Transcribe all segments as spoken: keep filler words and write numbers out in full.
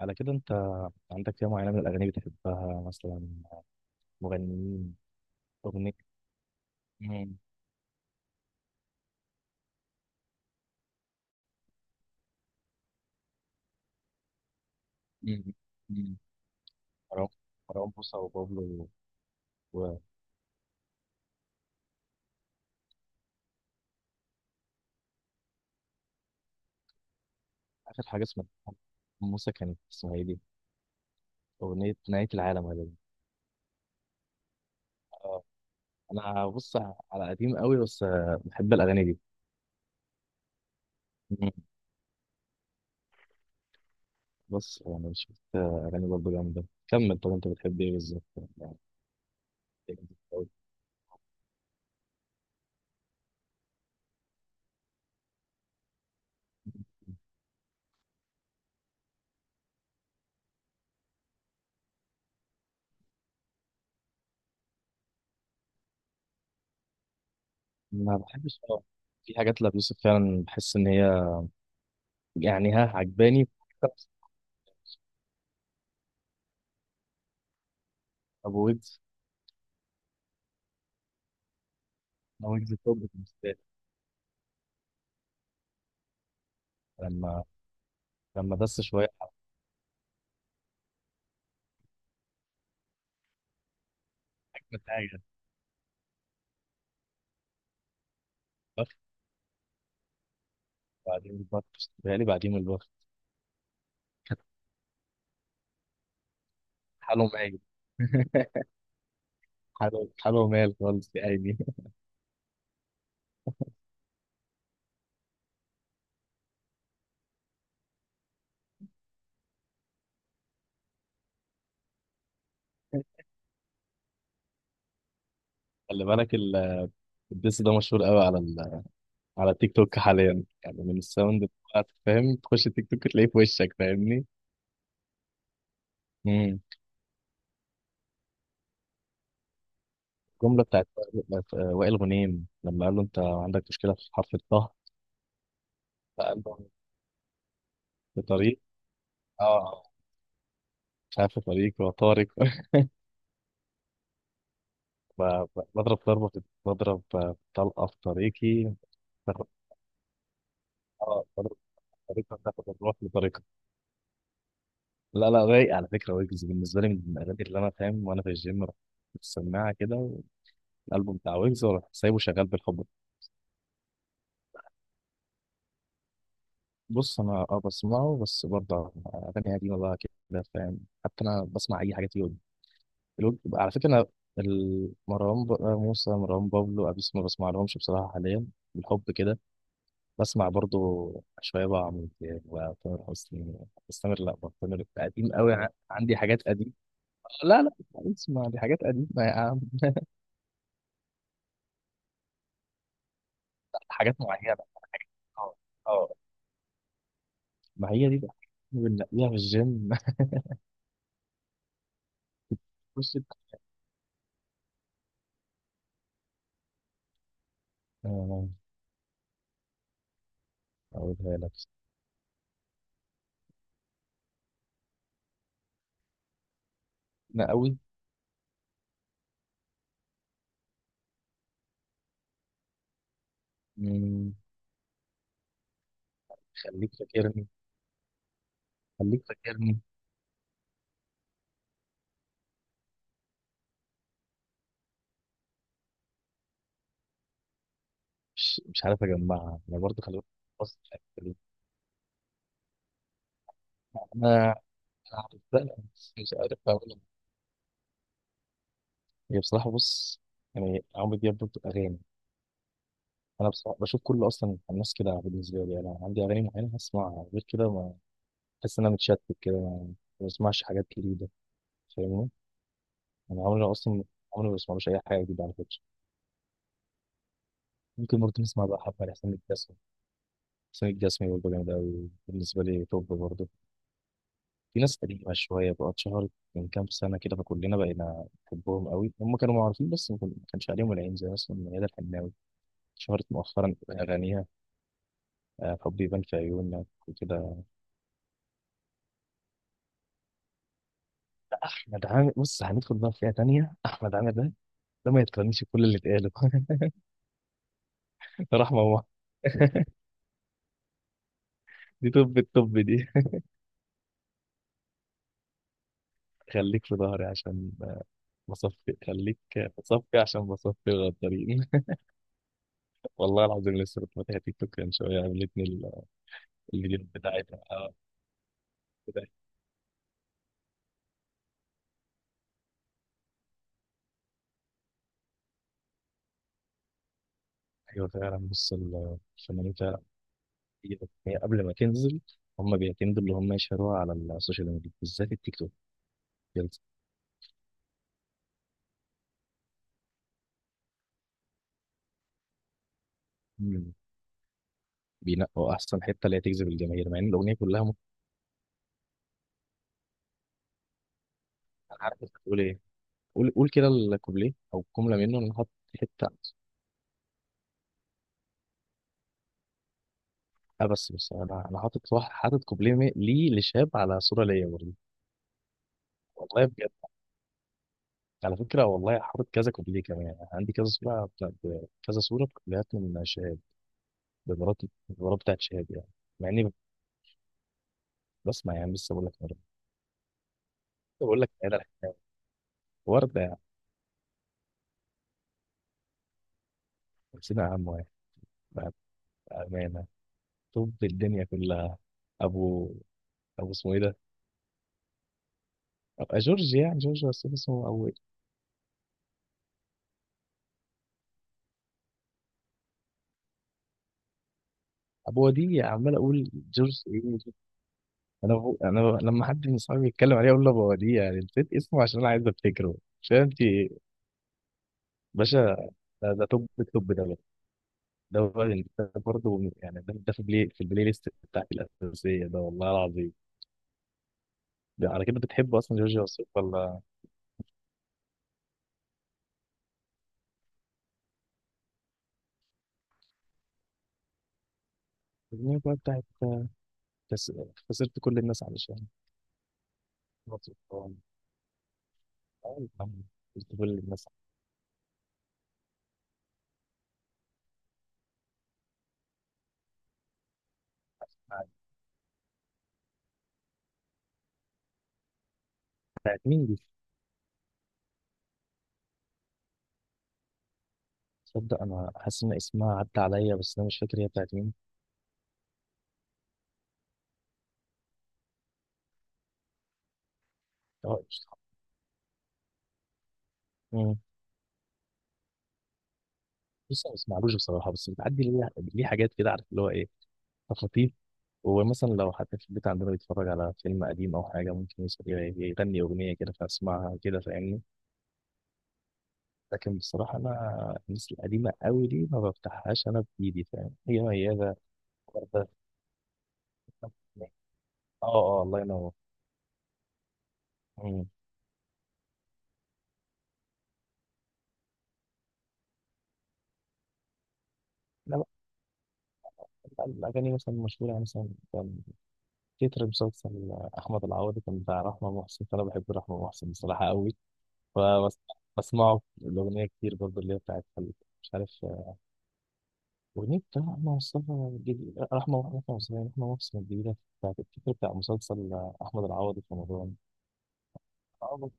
على كده انت عندك فئة معينة من الأغاني بتحبها، مثلا مغنيين؟ أغنية مين؟ مم. مم. مروان مروان موسى وبابلو. وآخر حاجة اسمها موسى، كانت اسمها ايه دي؟ أغنية نهاية العالم غالبا. اه أنا بص، على قديم قوي بس آه، بحب الأغاني دي. مم. بص، يعني شفت آه، أغاني برضه جامدة. كمل. طب أنت بتحب إيه بالظبط يعني؟ إيه بالظبط أوي؟ ما بحبش، اه، في حاجات لأبو يوسف فعلا بحس إن هي يعني ها عجباني. أبو ويجز، ويجز توب بالنسبه لي. لما لما دس شويه على اجمد حاجه. البخت. بعدين البخت، بيتهيألي بعدين البخت. حاله مايل. حاله حاله مايل خالص يا عيني. خلي بالك ال- الدس ده مشهور قوي على ال... على تيك توك حاليا، يعني من الساوند بتاعت، فاهم؟ تخش تيك توك تلاقيه في وشك، فاهمني؟ امم. الجمله بتاعت وائل، وائل غنيم لما قال له انت عندك مشكله في حرف الطه. فقال له في طريق، اه، مش عارف، في طريق وطارق. ب- ب- بضرب ضربه في بضرب طلقه في طريقي. تاخد، اه، طريقة، طريقة تاخد الروح بطريقة. لا لا، رايق على فكرة، ويجز بالنسبة لي من الأغاني، اللي أنا فاهم وأنا في الجيم رحت السماعة كده، الألبوم بتاع ويجز، وأروح سايبه شغال بالحب. بص، أنا أه بسمعه بس برضه أغاني قديمة بقى كده، فاهم؟ حتى أنا بسمع أي حاجة فيه. الوج- على فكرة أنا، ال- مروان ب- آه، موسى، مروان بابلو، أبيوسف ما بسمعلهمش بصراحة حاليا. بالحب كده. بسمع برضه شوية بقى عمرو دياب وتامر حسني. بس تامر، لا بقى، تامر قديم قوي، ع- عندي حاجات قديمة. لا لا، اسمع، دي حاجات قديمة يا عم. حاجات معينة، اه. اه، ما هي دي بقى بنلاقيها في الجيم. بص، آه، أقولها لك. أنا أوي. مم، خليك فاكرني، خليك فاكرني. مش مش عارف أجمعها أنا برضه، خليك. بص، فاكرني. أنا أنا عارفها بس مش عارف أقولها. هي بصراحة، بص، يعني عمرو دياب برضه أغاني. أنا بصراحة بشوف كل، أصلا الناس كده بالنسبة لي، أنا عندي أغاني معينة هسمعها، غير كده ما بحس إن أنا متشتت كده، ما ما بسمعش حاجات جديدة. فاهمني؟ انا عمري، اصلا عمري ما بسمعلوش اي حاجه جديده على فكره. ممكن برضه نسمع بقى حبه لحسين الجسمي. حسين الجسمي برضه جامد قوي بالنسبه لي، توب برضه. في ناس قديمه شويه بقى اتشهرت من كام سنه كده، فكلنا بقينا نحبهم قوي، هم كانوا معروفين بس ما كن- ما كانش عليهم العين، زي مثلا ميادة الحناوي، اتشهرت مؤخرا باغانيها. آه، حبي يبان في عيونك وكده. احمد عامر، بص، هندخل بقى في فئه تانيه، احمد عامر ده ده ما يتقارنش بكل اللي اتقاله. رحمه الله. دي، طب الطب دي. خليك في ظهري عشان بصفي، خليك بصفي، عشان بصفي الغدارين. والله العظيم، لسه كنت فاتح تيك توك من شويه، عملتني ال- الفيديو بتاعتها، آه، بتاعت-. ايوه فعلا، بص، ال- الفنانين فعلا. هي قبل ما تنزل، هم بيعتمدوا اللي هم يشهروها على السوشيال ميديا، بالذات التيك توك. بيلز-. مم. بينقوا احسن حته اللي هي تجذب الجماهير، مع ان الاغنيه كلها ممكن. انا عارف انت هتقول ايه، قول قول كده الكوبليه او جمله منه، انا حاطط حته. اه، بس بس انا انا حاطط واحد، حاطط كوبليه ليه لشاب على صوره ليا برضه. والله بجد، على فكرة والله حاطط كذا كوبليه كمان يعني، عندي كذا صورة بتاعت، كذا صورة كوبليهات من شهاب. بالمرات بالمرات بتاعت شهاب يعني. مع إني بسمع يعني، لسه بقول لك مرة، بقول لك أنا الحكاية. وردة يعني. نسينا عم واحد. بعد أمانة، طب الدنيا كلها. أبو أبو اسمه إيه ده؟ أبو- جورج يعني، جورج بس اسمه، أو. أبو وديع. عمال أقول جورج، إيه ده؟ أنا بقول- أنا لما حد من صحابي يتكلم عليه، أقول له أبو وديع يعني نسيت اسمه عشان أنا عايز أفتكره. مش فاهم في إيه. باشا. ده ده توب التوب، ده ده هو اللي ده برضه يعني، ده ده في البلاي، في البلاي ليست بتاعتي الأساسية، ده والله العظيم. ده على كده بتحب أصلا جورج وسوف ولا؟ الأغنية بقى بتاعت كس- خسرت كل الناس علشان. سلطان. أيوة. خسرت كل الناس علشان-. بتاعت مين دي؟ تصدق، أنا حاسس إن اسمها عدى عليا بس أنا مش فاكر، هي بتاعت مين؟ أه، قشطة. مم. بص أنا ما بسمعلوش بصراحة، بس بتعدي ليه، ليه حاجات كده، عارف اللي هو إيه؟ خطيف. ومثلا لو حتى في البيت عندنا بيتفرج على فيلم قديم أو حاجة، ممكن يس- يغني أغنية كده فأسمعها كده، فاهمني؟ لكن بصراحة أنا الناس القديمة أوي دي ما بفتحهاش أنا بإيدي، فاهم؟ هي ميادة، وردة. آه آه، الله ينور. مم. لا، بقى بقى الأغاني مثلا مشهورة يعني، مثلا كان تتر مسلسل أحمد العوضي كان بتاع رحمة محسن، فأنا بحب رحمة محسن بصراحة أوي. فبسمعه الأغنية كتير برضه، اللي هي بتاعت، مش عارف، ونبدأ أحمد مصطفى الجديد، رحمة أحمد مصطفى، رحمة مصطفى الجديدة بتاعت الفكرة بتاع مسلسل أحمد العوضي في رمضان. آه،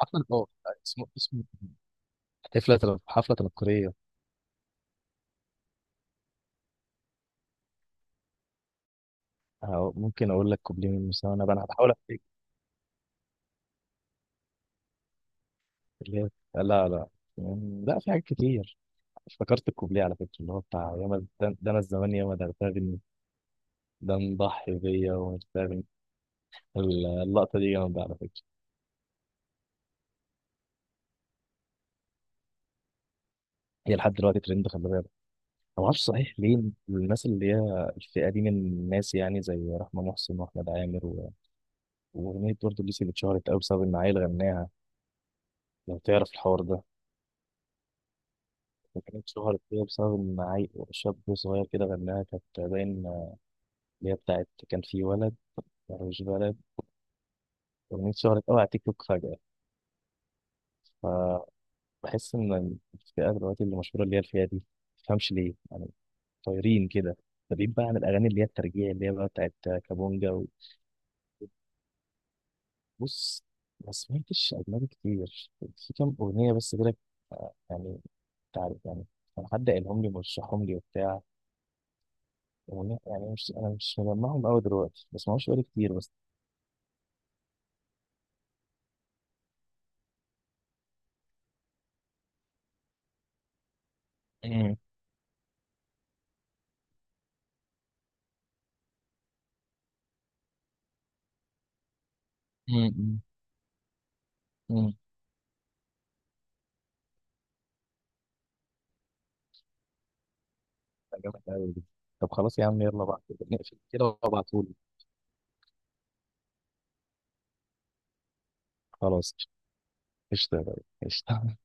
حفلة اه، اسمه اسمه حفلة تل- حفلة تنكرية. أه، ممكن أقول لك كوبليه من المساواة بقى، أنا بحاول أفتكر اللي هي. لا لا، يعني لا، في حاجات كتير. افتكرت الكوبليه على فكرة اللي هو بتاع ياما، ده ده أنا الزمان ياما، ده ارتبني، ده مضحي بيا ومش فاهم. اللقطة دي جامدة على فكرة. هي لحد دلوقتي ترند، خلي بالك. ما اعرفش صحيح ليه. الناس اللي هي الفئه دي من الناس يعني، زي رحمه محسن واحمد عامر و- واغنيه برضه ليسي اللي اتشهرت قوي بسبب ان عيل غناها. لو تعرف الحوار ده. وكانت اتشهرت كده بسبب ان عيل، شاب صغير كده، غناها، كانت باين اللي هي بتاعت كان في ولد، مش بلد، اغنيه اتشهرت قوي على تيك توك فجاه. فبحس ان الفئه دلوقتي اللي مشهوره، اللي هي الفئه دي، ما تفهمش ليه يعني. طايرين كده. ده بعيد بقى عن الاغاني اللي هي الترجيع، اللي هي بقى بتاعت كابونجا. بص، ما سمعتش أجنبي كتير، في كام أغنية بس كده، آه، يعني، أنت عارف يعني، كان حد قالهم لي مرشحهم لي وبتاع أغنية يعني، مش أنا مش مجمعهم أوي دلوقتي بس ما بقالي كتير، بس. أمم، أمم، أمم. ده جامد أوي دي. طب خلاص يا عم، يلا بقى نقفل كده وابعتهولي. خلاص قشطة يا غالي، قشطة